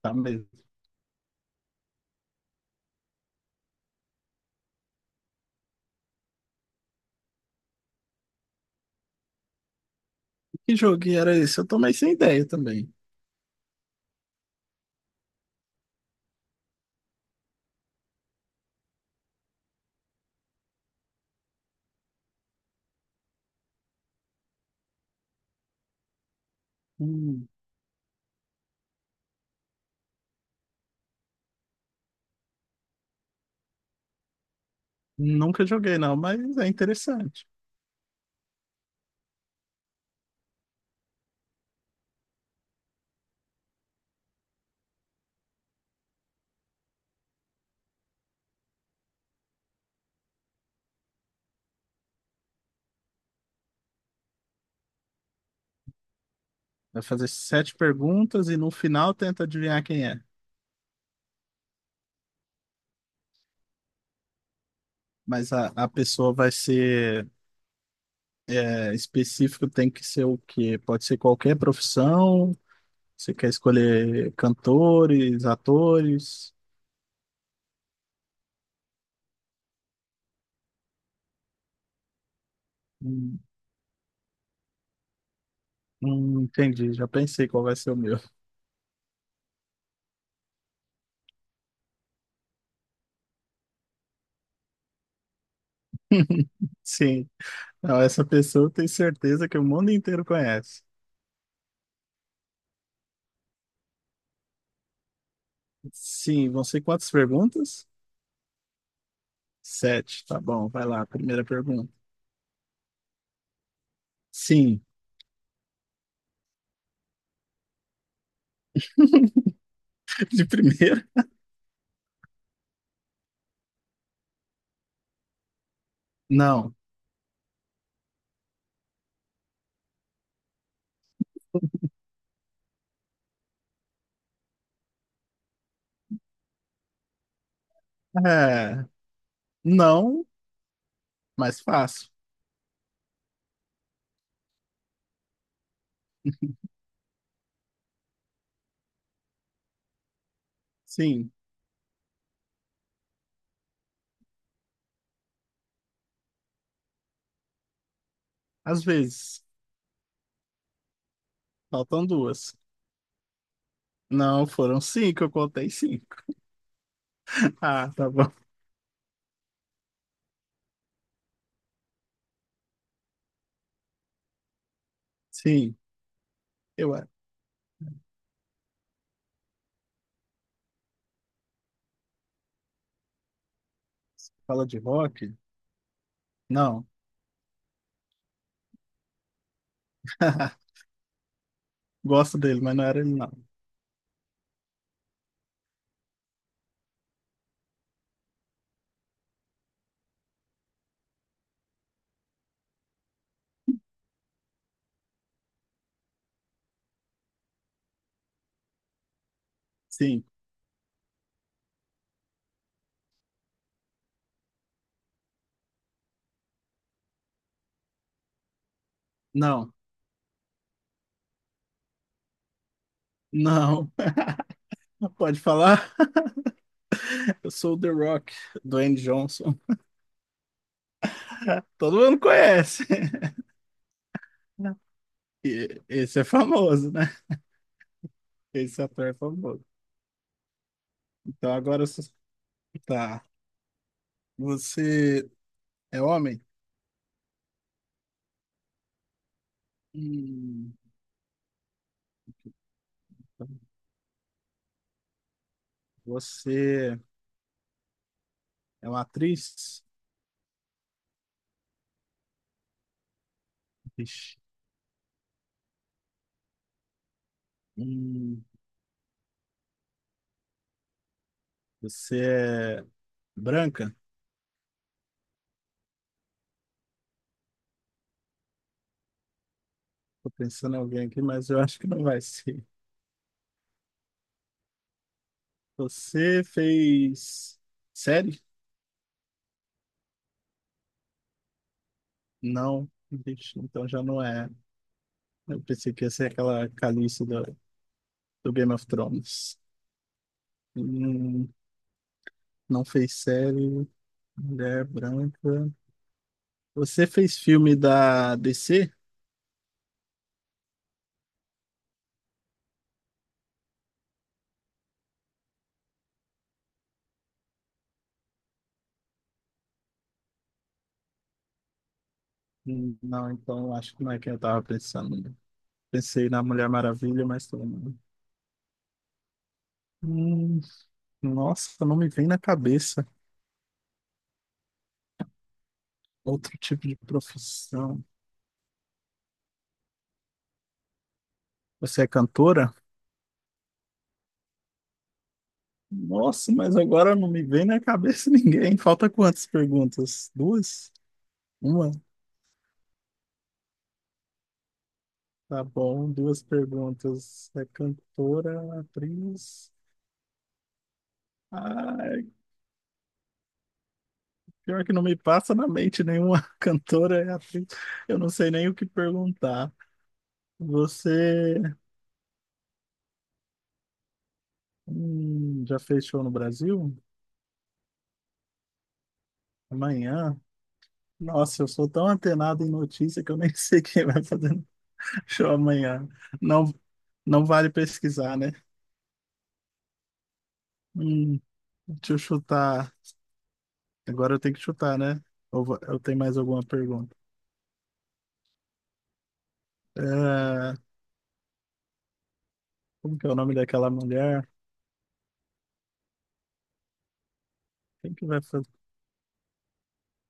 Tá mesmo. Que jogo que era esse? Eu tomei sem ideia também. Hum, Nunca joguei, não, mas é interessante. Vai fazer sete perguntas e no final tenta adivinhar quem é. Mas a pessoa vai ser específico, tem que ser o quê? Pode ser qualquer profissão. Você quer escolher cantores, atores? Hum, Entendi, já pensei qual vai ser o meu. Sim. Não, essa pessoa eu tenho certeza que o mundo inteiro conhece. Sim, vão ser quantas perguntas? Sete, tá bom, vai lá, primeira pergunta. Sim. De primeira? Não. É, não, mas fácil. Sim, às vezes. Faltam duas. Não, foram cinco, eu contei cinco. Ah, tá bom. Sim, eu é. Fala de rock? Não. Gosto dele, mas não era ele, não. Sim, não, não. Pode falar? Eu sou o The Rock, Dwayne Johnson. Todo mundo conhece. E- Esse é famoso, né? Esse ator é famoso. Então agora você. Tá. Você é homem? Hum. Você é uma atriz? Ixi. Hum. Você é branca? Tô pensando em alguém aqui, mas eu acho que não vai ser. Você fez série? Não. Ixi, então já não é. Eu pensei que ia ser aquela Calice do Game of Thrones. Hum. Não fez série, mulher branca. Você fez filme da DC? Hum. Não, então acho que não é quem eu tava pensando. Pensei na Mulher Maravilha, mas também não. Hum, Nossa, não me vem na cabeça outro tipo de profissão. Você é cantora? Nossa, mas agora não me vem na cabeça ninguém. Falta quantas perguntas? Duas? Uma? Tá bom, duas perguntas. É cantora, atriz? Ah, pior que não me passa na mente nenhuma cantora é atriz. Eu não sei nem o que perguntar. Você já fez show no Brasil? Amanhã? Nossa, eu sou tão antenado em notícia que eu nem sei quem vai fazer show amanhã. Não, não vale pesquisar, né? Hum, Deixa eu chutar. Agora eu tenho que chutar, né? Ou eu tenho mais alguma pergunta? É, Como que é o nome daquela mulher? Quem que vai fazer?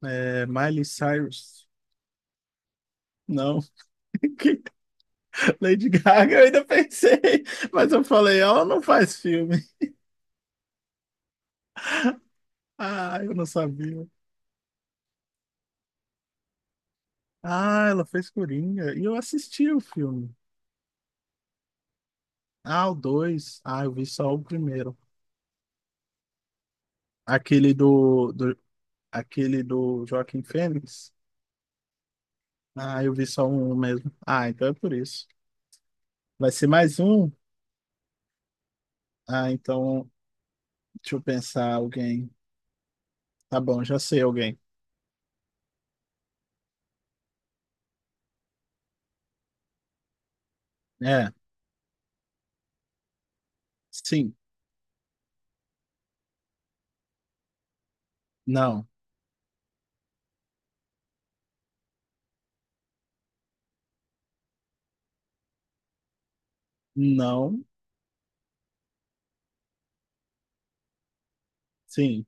É, Miley Cyrus? Não. Lady Gaga, eu ainda pensei, mas eu falei, ela não faz filme. Ah, eu não sabia. Ah, ela fez Coringa. E eu assisti o filme. Ah, o dois. Ah, eu vi só o primeiro. Aquele do, do, aquele do Joaquim Fênix. Ah, eu vi só um mesmo. Ah, então é por isso. Vai ser mais um? Ah, então, deixa eu pensar alguém. Tá bom, já sei alguém. É, sim. Não. Não. Sim.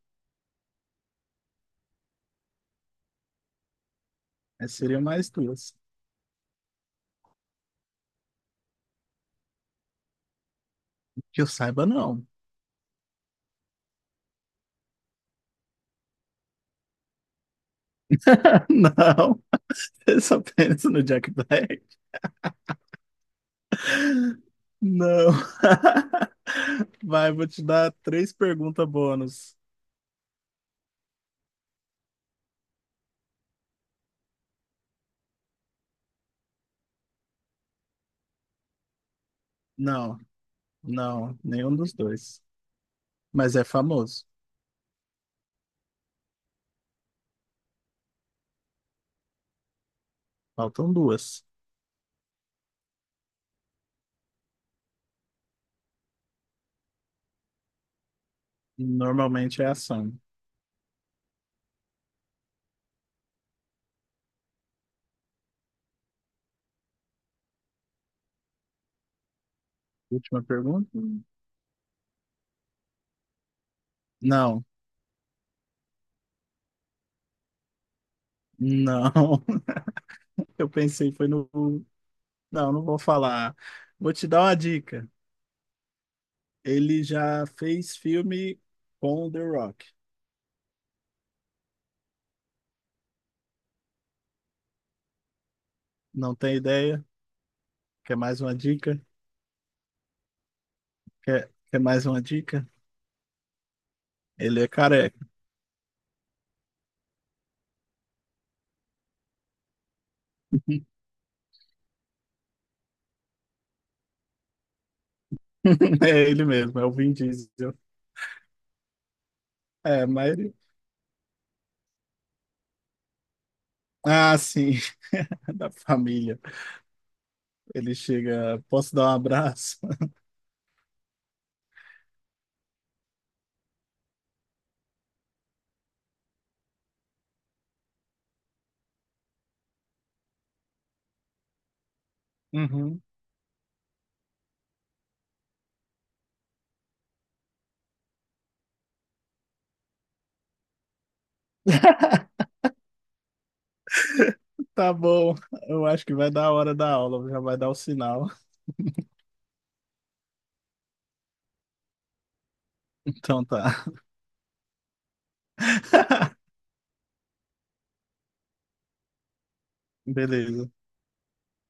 É, seriam mais duas. Que eu saiba, não. Não, eu só penso no Jack Black. Não. Vai, vou te dar três perguntas bônus. Não, não, nenhum dos dois. Mas é famoso. Faltam duas. Normalmente é ação. Última pergunta? Não, não. Eu pensei, foi no. Não, não vou falar. Vou te dar uma dica. Ele já fez filme com o The Rock. Não tem ideia? Quer mais uma dica? Quer mais uma dica? Ele é careca. É ele mesmo, é o Vin Diesel. É, mas ele... Ah, sim. Da família. Ele chega, posso dar um abraço? Uhum. Tá bom, eu acho que vai dar a hora da aula, já vai dar o sinal. Então tá. Beleza.